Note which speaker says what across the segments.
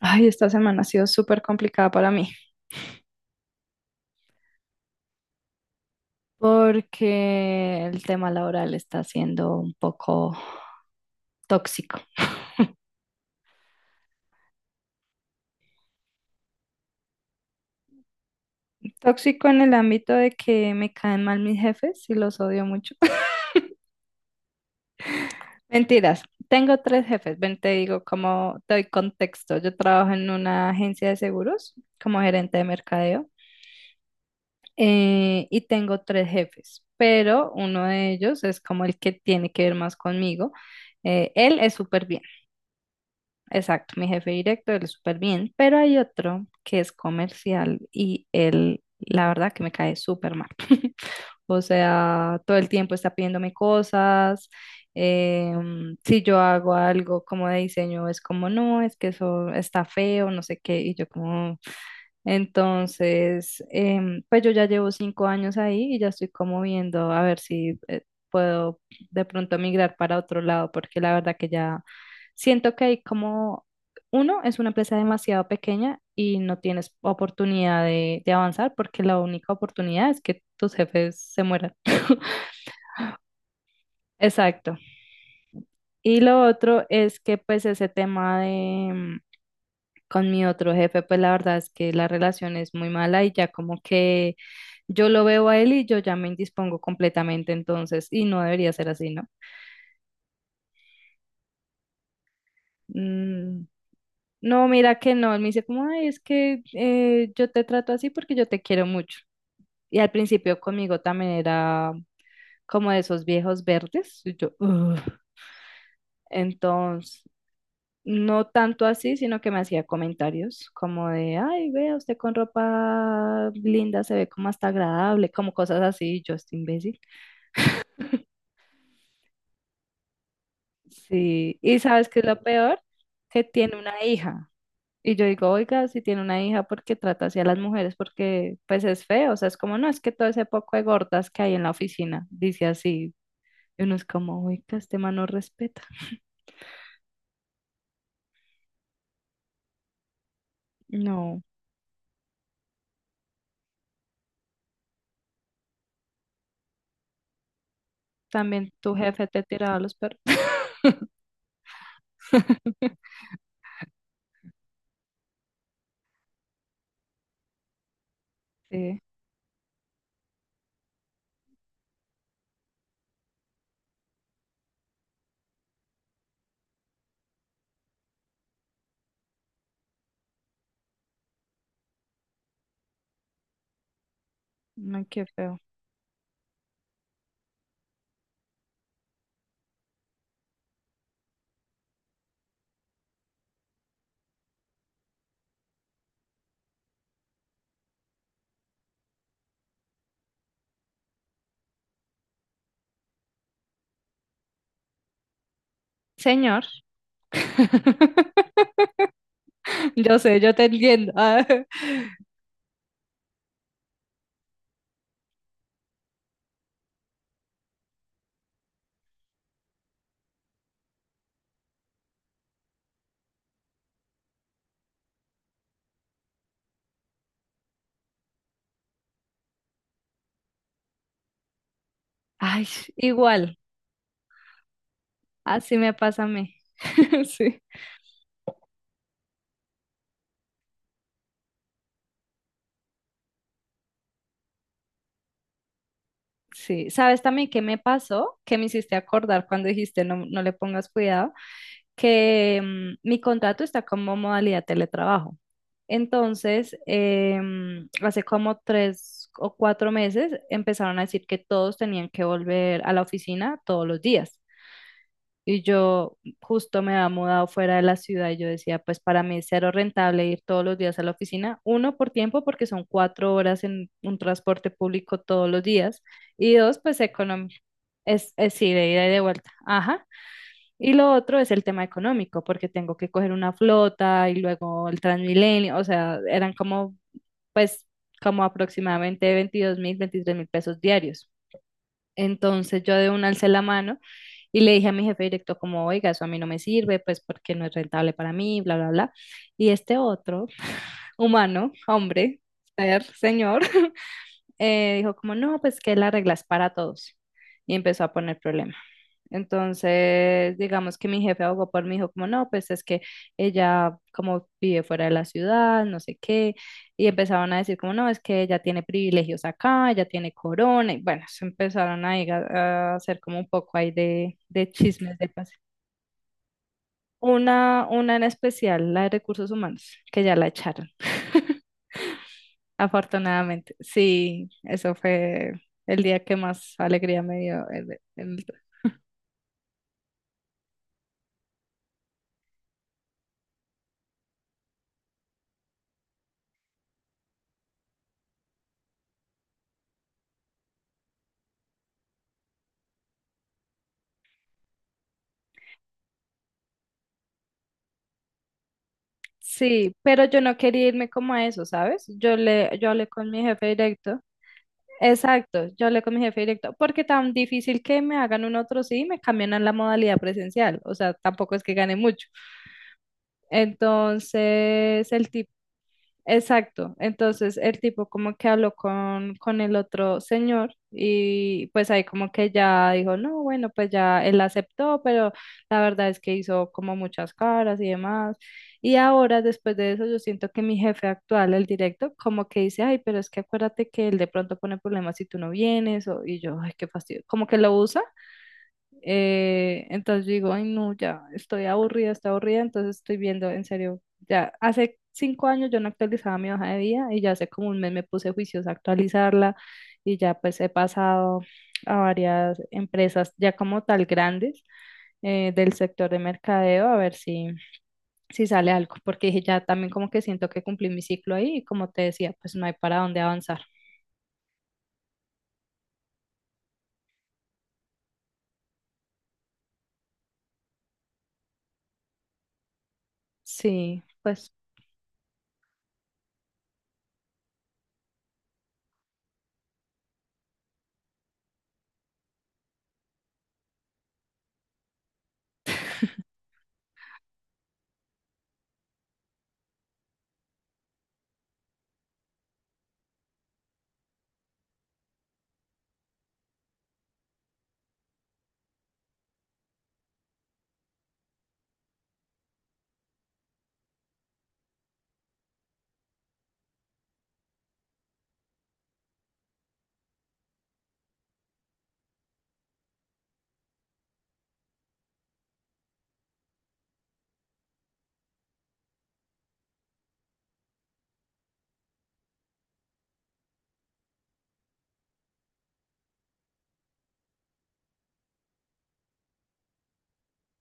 Speaker 1: Ay, esta semana ha sido súper complicada para mí porque el tema laboral está siendo un poco tóxico. Tóxico en el ámbito de que me caen mal mis jefes y los odio mucho. Mentiras, tengo tres jefes. Ven, te digo como te doy contexto. Yo trabajo en una agencia de seguros como gerente de mercadeo y tengo tres jefes, pero uno de ellos es como el que tiene que ver más conmigo. Él es súper bien. Exacto, mi jefe directo, él es súper bien, pero hay otro que es comercial y él, la verdad que me cae súper mal. O sea, todo el tiempo está pidiéndome cosas. Si yo hago algo como de diseño, es como, no, es que eso está feo, no sé qué. Y yo como, entonces, pues yo ya llevo 5 años ahí y ya estoy como viendo a ver si puedo de pronto migrar para otro lado, porque la verdad que ya siento que hay como, uno, es una empresa demasiado pequeña y no tienes oportunidad de avanzar porque la única oportunidad es que tus jefes se mueran. Exacto. Y lo otro es que pues ese tema de, con mi otro jefe, pues la verdad es que la relación es muy mala y ya como que yo lo veo a él y yo ya me indispongo completamente entonces y no debería ser así, ¿no? Mm, no, mira que no, él me dice como, ay, es que yo te trato así porque yo te quiero mucho. Y al principio conmigo también era como de esos viejos verdes. Y yo, "Ugh". Entonces, no tanto así, sino que me hacía comentarios como de, ay, vea, usted con ropa linda se ve como hasta agradable, como cosas así, y yo estoy imbécil. Sí, y ¿sabes qué es lo peor? Que tiene una hija. Y yo digo, oiga, si tiene una hija, ¿por qué trata así a las mujeres? Porque pues es feo, o sea, es como, no, es que todo ese poco de gordas que hay en la oficina, dice así. Y uno es como, oiga, este man no respeta. No, también tu jefe te tiraba los perros. Sí, no, qué feo. Señor. Yo sé, yo te entiendo. Ah, ay, igual, así me pasa a mí. Sí, sí. ¿Sabes también qué me pasó? Que me hiciste acordar cuando dijiste no, no le pongas cuidado, que mi contrato está como modalidad teletrabajo. Entonces, hace como 3 o 4 meses empezaron a decir que todos tenían que volver a la oficina todos los días. Y yo justo me había mudado fuera de la ciudad y yo decía, pues para mí es cero rentable ir todos los días a la oficina. Uno, por tiempo, porque son 4 horas en un transporte público todos los días. Y dos, pues económico. Es sí, de ida y de vuelta. Ajá. Y lo otro es el tema económico, porque tengo que coger una flota y luego el Transmilenio. O sea, eran como, pues, como aproximadamente 22.000, 23.000 pesos diarios. Entonces yo de una alcé la mano y le dije a mi jefe directo como, oiga, eso a mí no me sirve, pues porque no es rentable para mí, bla, bla, bla. Y este otro humano, hombre, ser, señor, dijo como, no, pues que las reglas para todos. Y empezó a poner problemas. Entonces, digamos que mi jefe abogó por mí, dijo como no, pues es que ella como vive fuera de la ciudad, no sé qué, y empezaron a decir como no, es que ella tiene privilegios acá, ella tiene corona, y bueno, se empezaron a, ir a hacer como un poco ahí de chismes de pase. Una en especial, la de recursos humanos, que ya la echaron, afortunadamente. Sí, eso fue el día que más alegría me dio. Sí, pero yo no quería irme como a eso, ¿sabes? Yo hablé con mi jefe directo. Exacto, yo hablé con mi jefe directo, porque tan difícil que me hagan un otro sí y me cambian a la modalidad presencial, o sea, tampoco es que gane mucho. Entonces, el Exacto. Entonces el tipo como que habló con el otro señor y pues ahí como que ya dijo, no, bueno, pues ya él aceptó, pero la verdad es que hizo como muchas caras y demás. Y ahora después de eso yo siento que mi jefe actual, el directo, como que dice, ay, pero es que acuérdate que él de pronto pone problemas si tú no vienes o, y yo, ay, qué fastidio, como que lo usa entonces yo digo, ay, no, ya estoy aburrida, entonces estoy viendo, en serio, ya hace 5 años yo no actualizaba mi hoja de vida y ya hace como un mes me puse juiciosa a actualizarla y ya pues he pasado a varias empresas ya como tal grandes del sector de mercadeo a ver si sale algo, porque dije, ya también como que siento que cumplí mi ciclo ahí y como te decía, pues no hay para dónde avanzar. Sí, pues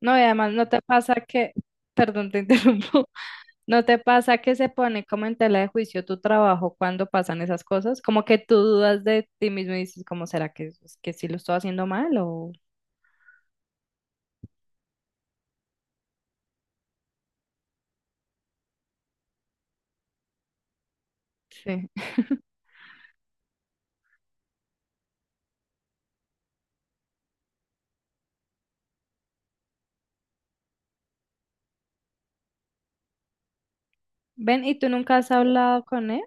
Speaker 1: no, y además no te pasa que, perdón, te interrumpo. ¿No te pasa que se pone como en tela de juicio tu trabajo cuando pasan esas cosas? Como que tú dudas de ti mismo y dices, ¿cómo será que sí lo estoy haciendo mal o sí? Ven, ¿y tú nunca has hablado con él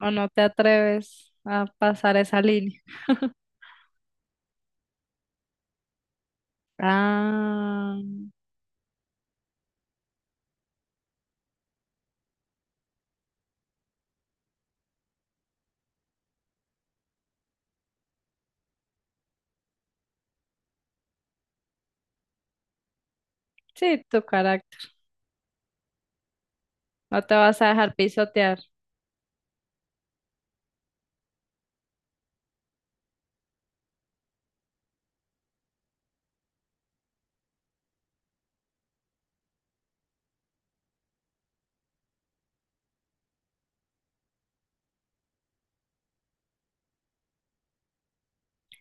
Speaker 1: o no te atreves a pasar esa línea? Ah, sí, tu carácter. No te vas a dejar pisotear.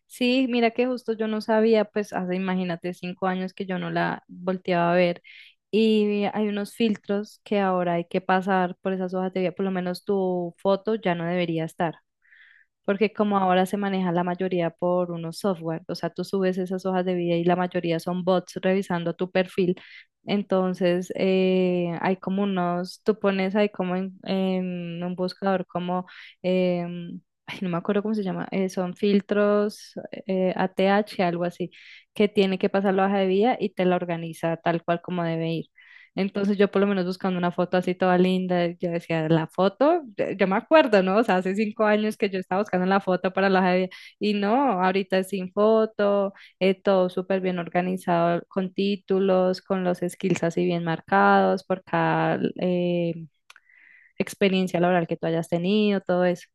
Speaker 1: Sí, mira que justo yo no sabía, pues hace, imagínate, 5 años que yo no la volteaba a ver. Y hay unos filtros que ahora hay que pasar por esas hojas de vida, por lo menos tu foto ya no debería estar. Porque como ahora se maneja la mayoría por unos software, o sea, tú subes esas hojas de vida y la mayoría son bots revisando tu perfil, entonces hay como unos, tú pones ahí como en, un buscador como, ay, no me acuerdo cómo se llama, son filtros ATH algo así, que tiene que pasar la hoja de vida y te la organiza tal cual como debe ir. Entonces yo por lo menos buscando una foto así toda linda, yo decía, la foto, yo me acuerdo, ¿no? O sea, hace 5 años que yo estaba buscando la foto para la Javier y no, ahorita es sin foto, todo súper bien organizado, con títulos, con los skills así bien marcados por cada experiencia laboral que tú hayas tenido, todo eso.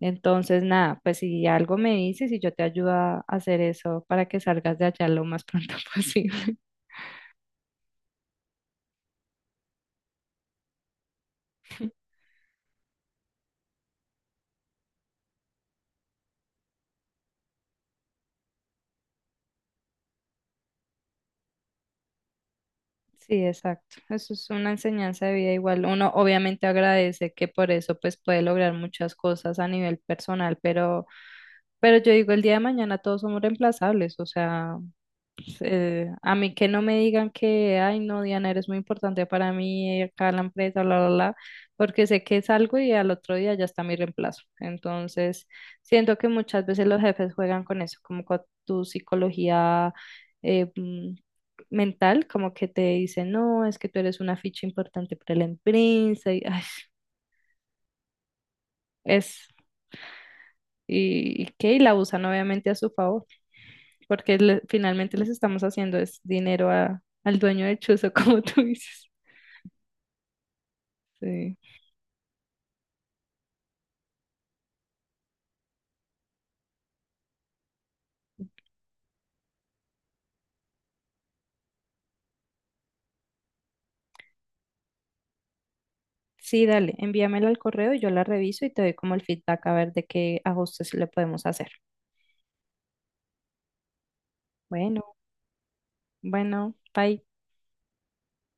Speaker 1: Entonces, nada, pues si algo me dices y yo te ayudo a hacer eso para que salgas de allá lo más pronto posible. Sí, exacto. Eso es una enseñanza de vida igual. Uno obviamente agradece que por eso pues puede lograr muchas cosas a nivel personal, pero yo digo, el día de mañana todos somos reemplazables, o sea, a mí que no me digan que, ay, no, Diana, eres muy importante para mí, acá en la empresa, bla, bla, bla, porque sé que es algo y al otro día ya está mi reemplazo. Entonces, siento que muchas veces los jefes juegan con eso, como con tu psicología eh, mm, mental, como que te dicen, no, es que tú eres una ficha importante para la empresa, y ay, es, y que, y la usan obviamente a su favor, porque finalmente les estamos haciendo es dinero a al dueño del chuzo, como tú dices. Sí. Sí, dale, envíamela al correo y yo la reviso y te doy como el feedback a ver de qué ajustes le podemos hacer. Bueno, bueno, bye.